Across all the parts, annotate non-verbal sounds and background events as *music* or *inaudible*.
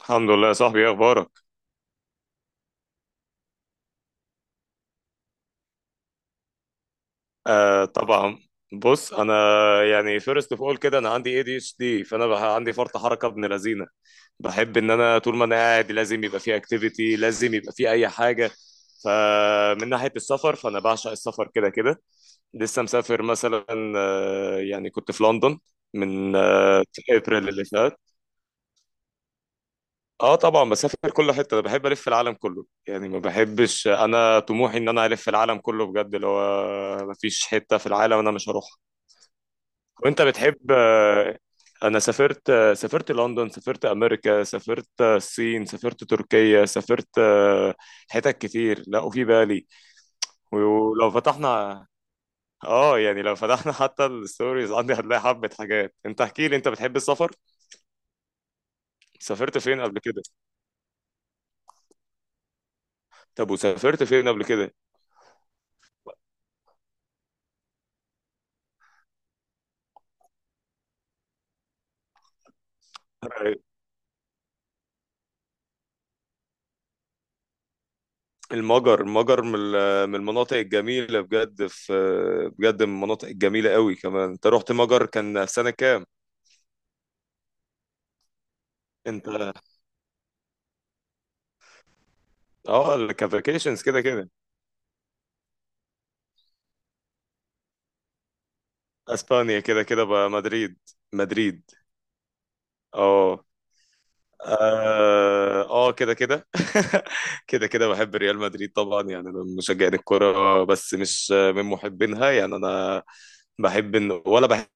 الحمد لله يا صاحبي ايه اخبارك؟ آه طبعا. بص انا فيرست اوف اول كده انا عندي اي دي اتش دي. عندي فرط حركه ابن لذينه. بحب ان انا طول ما انا قاعد لازم يبقى في اكتيفيتي، لازم يبقى في اي حاجه. فمن ناحيه السفر فانا بعشق السفر كده كده. لسه مسافر مثلا، يعني كنت في لندن من ابريل اللي فات. اه طبعا بسافر كل حته، انا بحب الف العالم كله، يعني ما بحبش، انا طموحي ان انا الف العالم كله بجد، اللي هو ما فيش حته في العالم انا مش هروحها. وانت بتحب؟ انا سافرت، سافرت لندن، سافرت امريكا، سافرت الصين، سافرت تركيا، سافرت حتت كتير. لا وفي بالي. ولو فتحنا، اه يعني لو فتحنا *laughs* حتى الستوريز عندي هتلاقي حبة حاجات. انت احكي لي، انت بتحب السفر؟ سافرت فين قبل كده؟ طب وسافرت فين قبل كده؟ المجر، من المناطق الجميلة بجد، في بجد من المناطق الجميلة قوي. كمان انت رحت مجر، كان في سنة كام؟ انت. اه اللي كان فاكيشنز كده كده. اسبانيا كده كده بقى، مدريد. مدريد. اه. اه. كده كده *laughs* كده كده. بحب ريال مدريد طبعا. يعني انا من مشجعين الكرة بس مش من محبينها. يعني انا بحب ان ولا بحب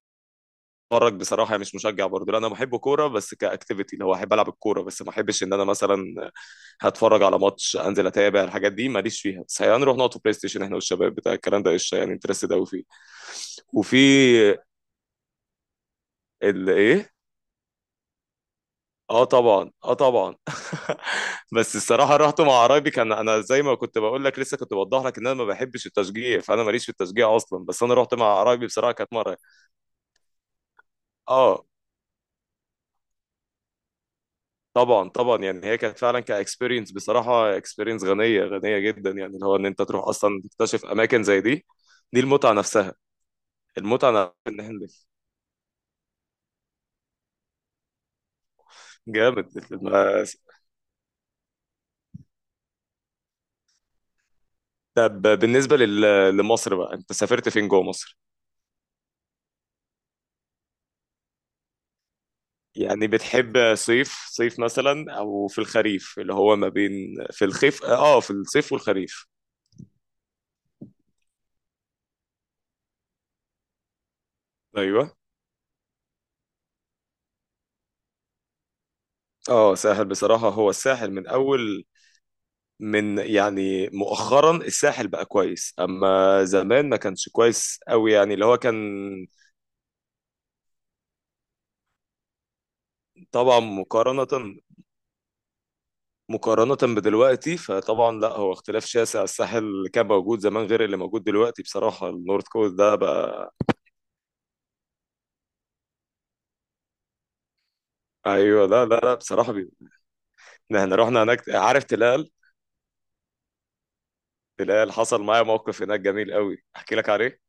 اتفرج بصراحه، يعني مش مشجع برضه. لا انا بحب كوره بس كاكتيفيتي، اللي هو احب العب الكوره بس ما احبش ان انا مثلا هتفرج على ماتش، انزل اتابع الحاجات دي، ماليش فيها. بس هنروح نقعد بلاي ستيشن احنا والشباب بتاع الكلام ده قشطه، يعني انترستد قوي فيه. وفي ال ايه. اه طبعا اه طبعا. *laughs* بس الصراحه رحت مع قرايبي. كان انا زي ما كنت بقول لك لسه، كنت بوضح لك ان انا ما بحبش التشجيع، فانا ماليش في التشجيع اصلا، بس انا رحت مع قرايبي بصراحه كانت مره. اه طبعا طبعا. يعني هي كانت فعلا كاكسبيرينس بصراحه، اكسبيرينس غنيه غنيه جدا، يعني اللي هو ان انت تروح اصلا تكتشف اماكن زي دي. دي المتعه نفسها. المتعه نفسها، ان احنا. جامد. طب بالنسبه لمصر بقى، انت سافرت فين جوه مصر؟ يعني بتحب صيف، صيف مثلا، او في الخريف اللي هو ما بين. في الخيف، اه في الصيف والخريف. ايوه. اه ساحل بصراحه. هو الساحل من اول، من يعني مؤخرا الساحل بقى كويس، اما زمان ما كانش كويس قوي، يعني اللي هو كان. طبعا مقارنة، مقارنة بدلوقتي فطبعا لا، هو اختلاف شاسع. الساحل اللي كان موجود زمان غير اللي موجود دلوقتي بصراحة، النورث كوست ده بقى. ايوه. لا بصراحة بي... احنا رحنا هناك، عارف تلال؟ تلال حصل معايا موقف هناك جميل قوي احكي لك عليه.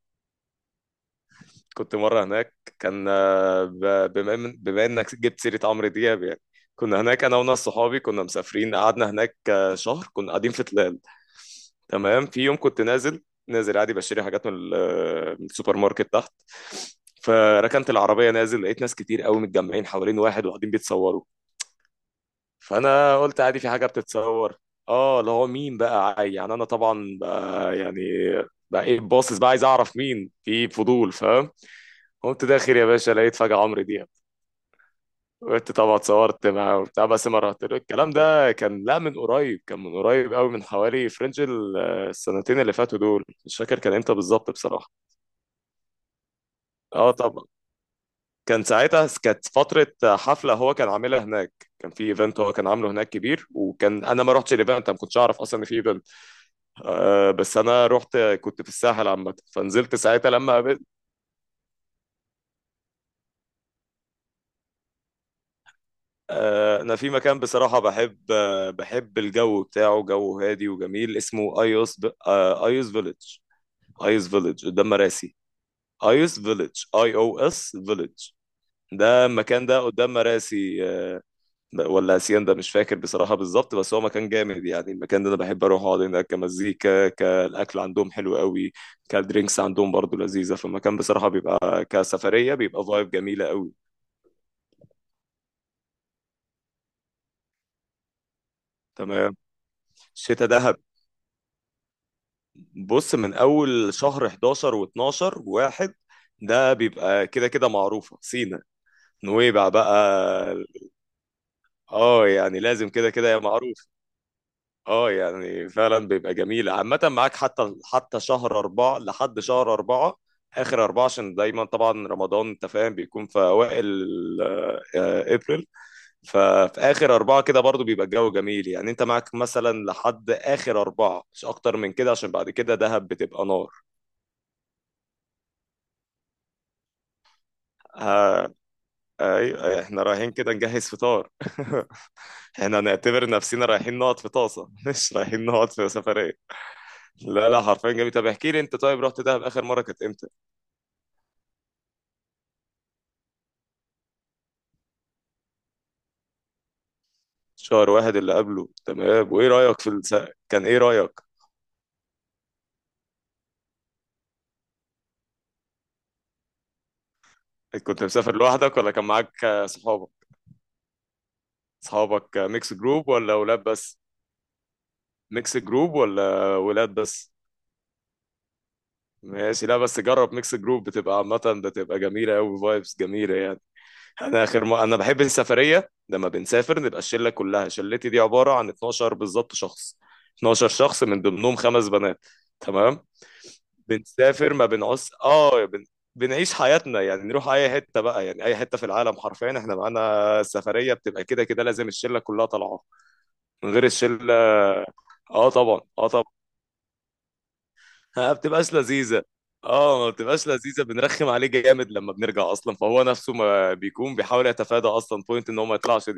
كنت مرة هناك، كان بما بما انك جبت سيرة عمرو دياب يعني، كنا هناك انا وناس صحابي كنا مسافرين، قعدنا هناك شهر كنا قاعدين في تلال. تمام. في يوم كنت نازل، نازل عادي بشتري حاجات من من السوبر ماركت تحت. فركنت العربية نازل، لقيت ناس كتير قوي متجمعين حوالين واحد وقاعدين بيتصوروا. فانا قلت عادي في حاجة بتتصور. اه، اللي هو مين بقى يعني انا طبعا بقى يعني، بقى ايه باصص بقى عايز اعرف مين، في فضول فاهم. قمت داخل يا باشا، لقيت فجأة عمرو دياب. قلت طبعا اتصورت معاه وبتاع، بس ما رحت له، الكلام ده كان لا من قريب، كان من قريب قوي، من حوالي فرنج ال-. السنتين اللي فاتوا دول مش فاكر كان امتى بالظبط بصراحة. اه طبعا. كان ساعتها كانت فترة حفلة هو كان عاملها هناك، كان في ايفنت هو كان عامله هناك كبير، وكان انا ما رحتش الايفنت، ما كنتش اعرف اصلا ان في ايفنت. آه بس انا رحت، كنت في الساحل عامة، فنزلت ساعتها لما. انا في مكان بصراحه بحب، بحب الجو بتاعه، جو هادي وجميل، اسمه ايوس ب... آه، ايوس فيليج. ايوس فيليج قدام مراسي. ايوس فيليج، اي او اس فيليج. ده المكان ده قدام مراسي، ولا اسيان ده مش فاكر بصراحه بالظبط. بس هو مكان جامد يعني، المكان ده انا بحب اروح اقعد هناك، كمزيكا، كالاكل عندهم حلو قوي، كالدرينكس عندهم برضو لذيذه. فالمكان بصراحه بيبقى كسفريه، بيبقى فايب جميله قوي. تمام. الشتاء ده، بص من اول شهر 11 و12 واحد، ده بيبقى كده كده معروفه سينا، نويبع بقى. اه يعني لازم كده كده يا معروف. اه يعني فعلا بيبقى جميل عامه. معاك حتى حتى شهر اربعه، لحد شهر اربعه، اخر اربعه، عشان دايما طبعا رمضان انت فاهم بيكون في اوائل ابريل. ففي اخر اربعه كده برضو بيبقى الجو جميل. يعني انت معاك مثلا لحد اخر اربعه، مش اكتر من كده، عشان بعد كده دهب بتبقى نار. ايوه احنا رايحين كده نجهز فطار *laughs* احنا هنعتبر نفسنا رايحين نقعد في طاسه *laughs* مش رايحين نقعد في سفريه. لا لا حرفيا جميل. طب احكي لي انت، طيب رحت دهب اخر مره كانت امتى؟ شهر واحد اللي قبله. تمام. وايه رايك في الس...؟ كان ايه رايك؟ كنت مسافر لوحدك ولا كان معاك صحابك؟ صحابك، ميكس جروب ولا ولاد بس؟ ميكس جروب ولا ولاد بس؟ ماشي. لا بس جرب ميكس جروب بتبقى عامه، بتبقى جميله قوي، فايبس جميله يعني. انا اخر ما انا بحب السفريه لما بنسافر نبقى الشله كلها. شلتي دي عباره عن 12 بالظبط شخص، 12 شخص من ضمنهم خمس بنات. تمام. بنسافر، ما بنعوز، بنعيش حياتنا، يعني نروح اي حته بقى، يعني اي حته في العالم حرفيا احنا معانا. السفريه بتبقى كده كده لازم الشله كلها طالعه. من غير الشله. اه طبعا اه طبعا. ما بتبقاش لذيذه. اه ما بتبقاش لذيذه. بنرخم عليه جامد لما بنرجع اصلا، فهو نفسه ما بيكون بيحاول يتفادى اصلا بوينت ان هو ما يطلعش.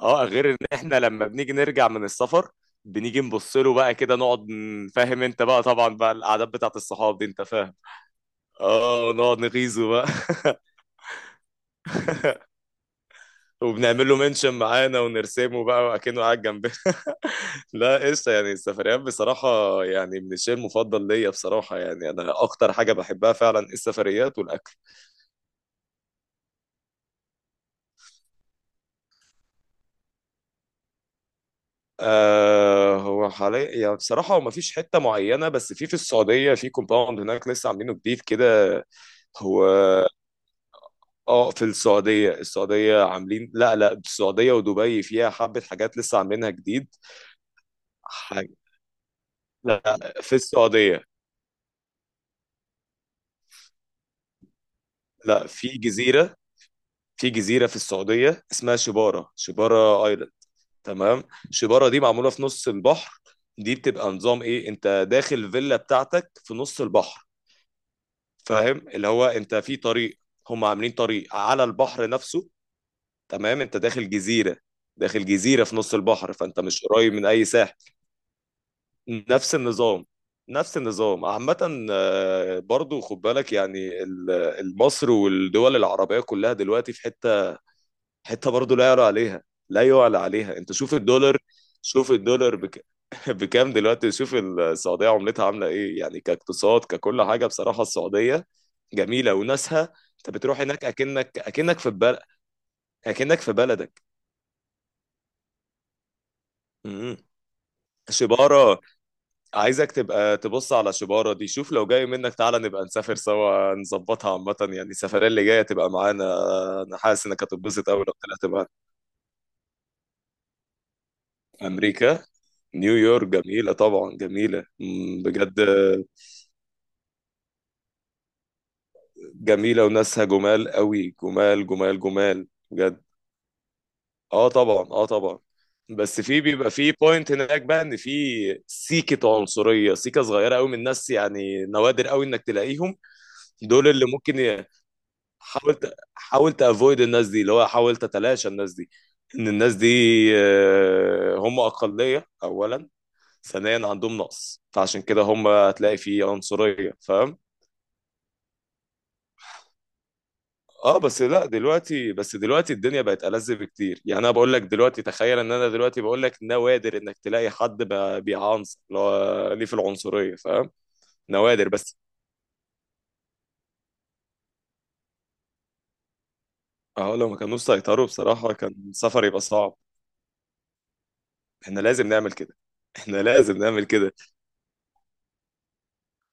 اه، غير ان احنا لما بنيجي نرجع من السفر، بنيجي نبص له بقى كده نقعد فاهم انت بقى طبعا بقى القعدات بتاعت الصحاب دي انت فاهم. اه نقعد نغيظه بقى *laughs* وبنعمل له منشن معانا ونرسمه بقى وأكنه قاعد جنبنا *laughs* لا قشطة. يعني السفريات بصراحة يعني من الشيء المفضل ليا بصراحة، يعني أنا أكتر حاجة بحبها فعلا السفريات والأكل. آه هو حاليا يعني بصراحة هو مفيش حتة معينة، بس في السعودية في كومباوند هناك لسه عاملينه جديد كده. هو. اه في السعودية، السعودية عاملين، لا لا السعودية ودبي فيها حبة حاجات لسه عاملينها جديد. حاجة. لا في السعودية، لا في جزيرة، في جزيرة في السعودية اسمها شبارة، شبارة ايلاند. تمام. شبارة دي معمولة في نص البحر. دي بتبقى نظام ايه، انت داخل فيلا بتاعتك في نص البحر، فاهم، اللي هو انت في طريق، هم عاملين طريق على البحر نفسه. تمام. انت داخل جزيرة، داخل جزيرة في نص البحر، فانت مش قريب من اي ساحل. نفس النظام. نفس النظام عامة. برضو خد بالك يعني المصر والدول العربية كلها دلوقتي في حتة، حتة برضو لا يعلى عليها، لا يعلى عليها. انت شوف الدولار، شوف الدولار بك... *laughs* بكام دلوقتي. شوف السعودية عملتها عاملة ايه يعني كاقتصاد، ككل حاجة بصراحة السعودية جميلة وناسها. انت بتروح هناك اكنك، اكنك في بل...، اكنك في بلدك. مم. شبارة. عايزك تبقى تبص على شبارة دي شوف، لو جاي منك تعالى نبقى نسافر سوا، نظبطها عامة يعني السفرية اللي جاية تبقى معانا. أنا حاسس إنك هتتبسط أوي لو طلعت معانا. أمريكا. نيويورك جميلة طبعا، جميلة، مم، بجد جميلة وناسها، جمال أوي، جمال جمال جمال بجد. اه طبعا اه طبعا. بس في بيبقى في بوينت هناك بقى ان في سيكة عنصرية، سيكة صغيرة قوي من الناس، يعني نوادر قوي انك تلاقيهم. دول اللي ممكن، حاولت حاولت افويد الناس دي، اللي هو حاولت اتلاشى الناس دي، ان الناس دي هم اقليه اولا، ثانيا عندهم نقص، فعشان كده هم هتلاقي في عنصريه فاهم. اه بس لا دلوقتي، بس دلوقتي الدنيا بقت ألذ بكتير، يعني انا بقول لك دلوقتي تخيل ان انا دلوقتي بقول لك نوادر انك تلاقي حد بيعنصر، اللي هو ليه في العنصريه فاهم. نوادر بس. اه لو ما كانوش سيطروا بصراحه كان السفر يبقى صعب. احنا لازم نعمل كده. احنا لازم نعمل كده.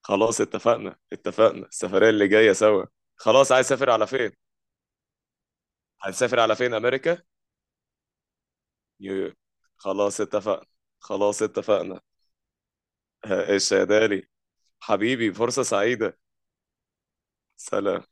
خلاص اتفقنا اتفقنا، السفرية اللي جاية سوا. خلاص. عايز اسافر على فين؟ هنسافر على فين؟ امريكا، نيويورك. خلاص اتفقنا. خلاص اتفقنا. *laughs* ايش يا دالي. حبيبي فرصة سعيدة. سلام.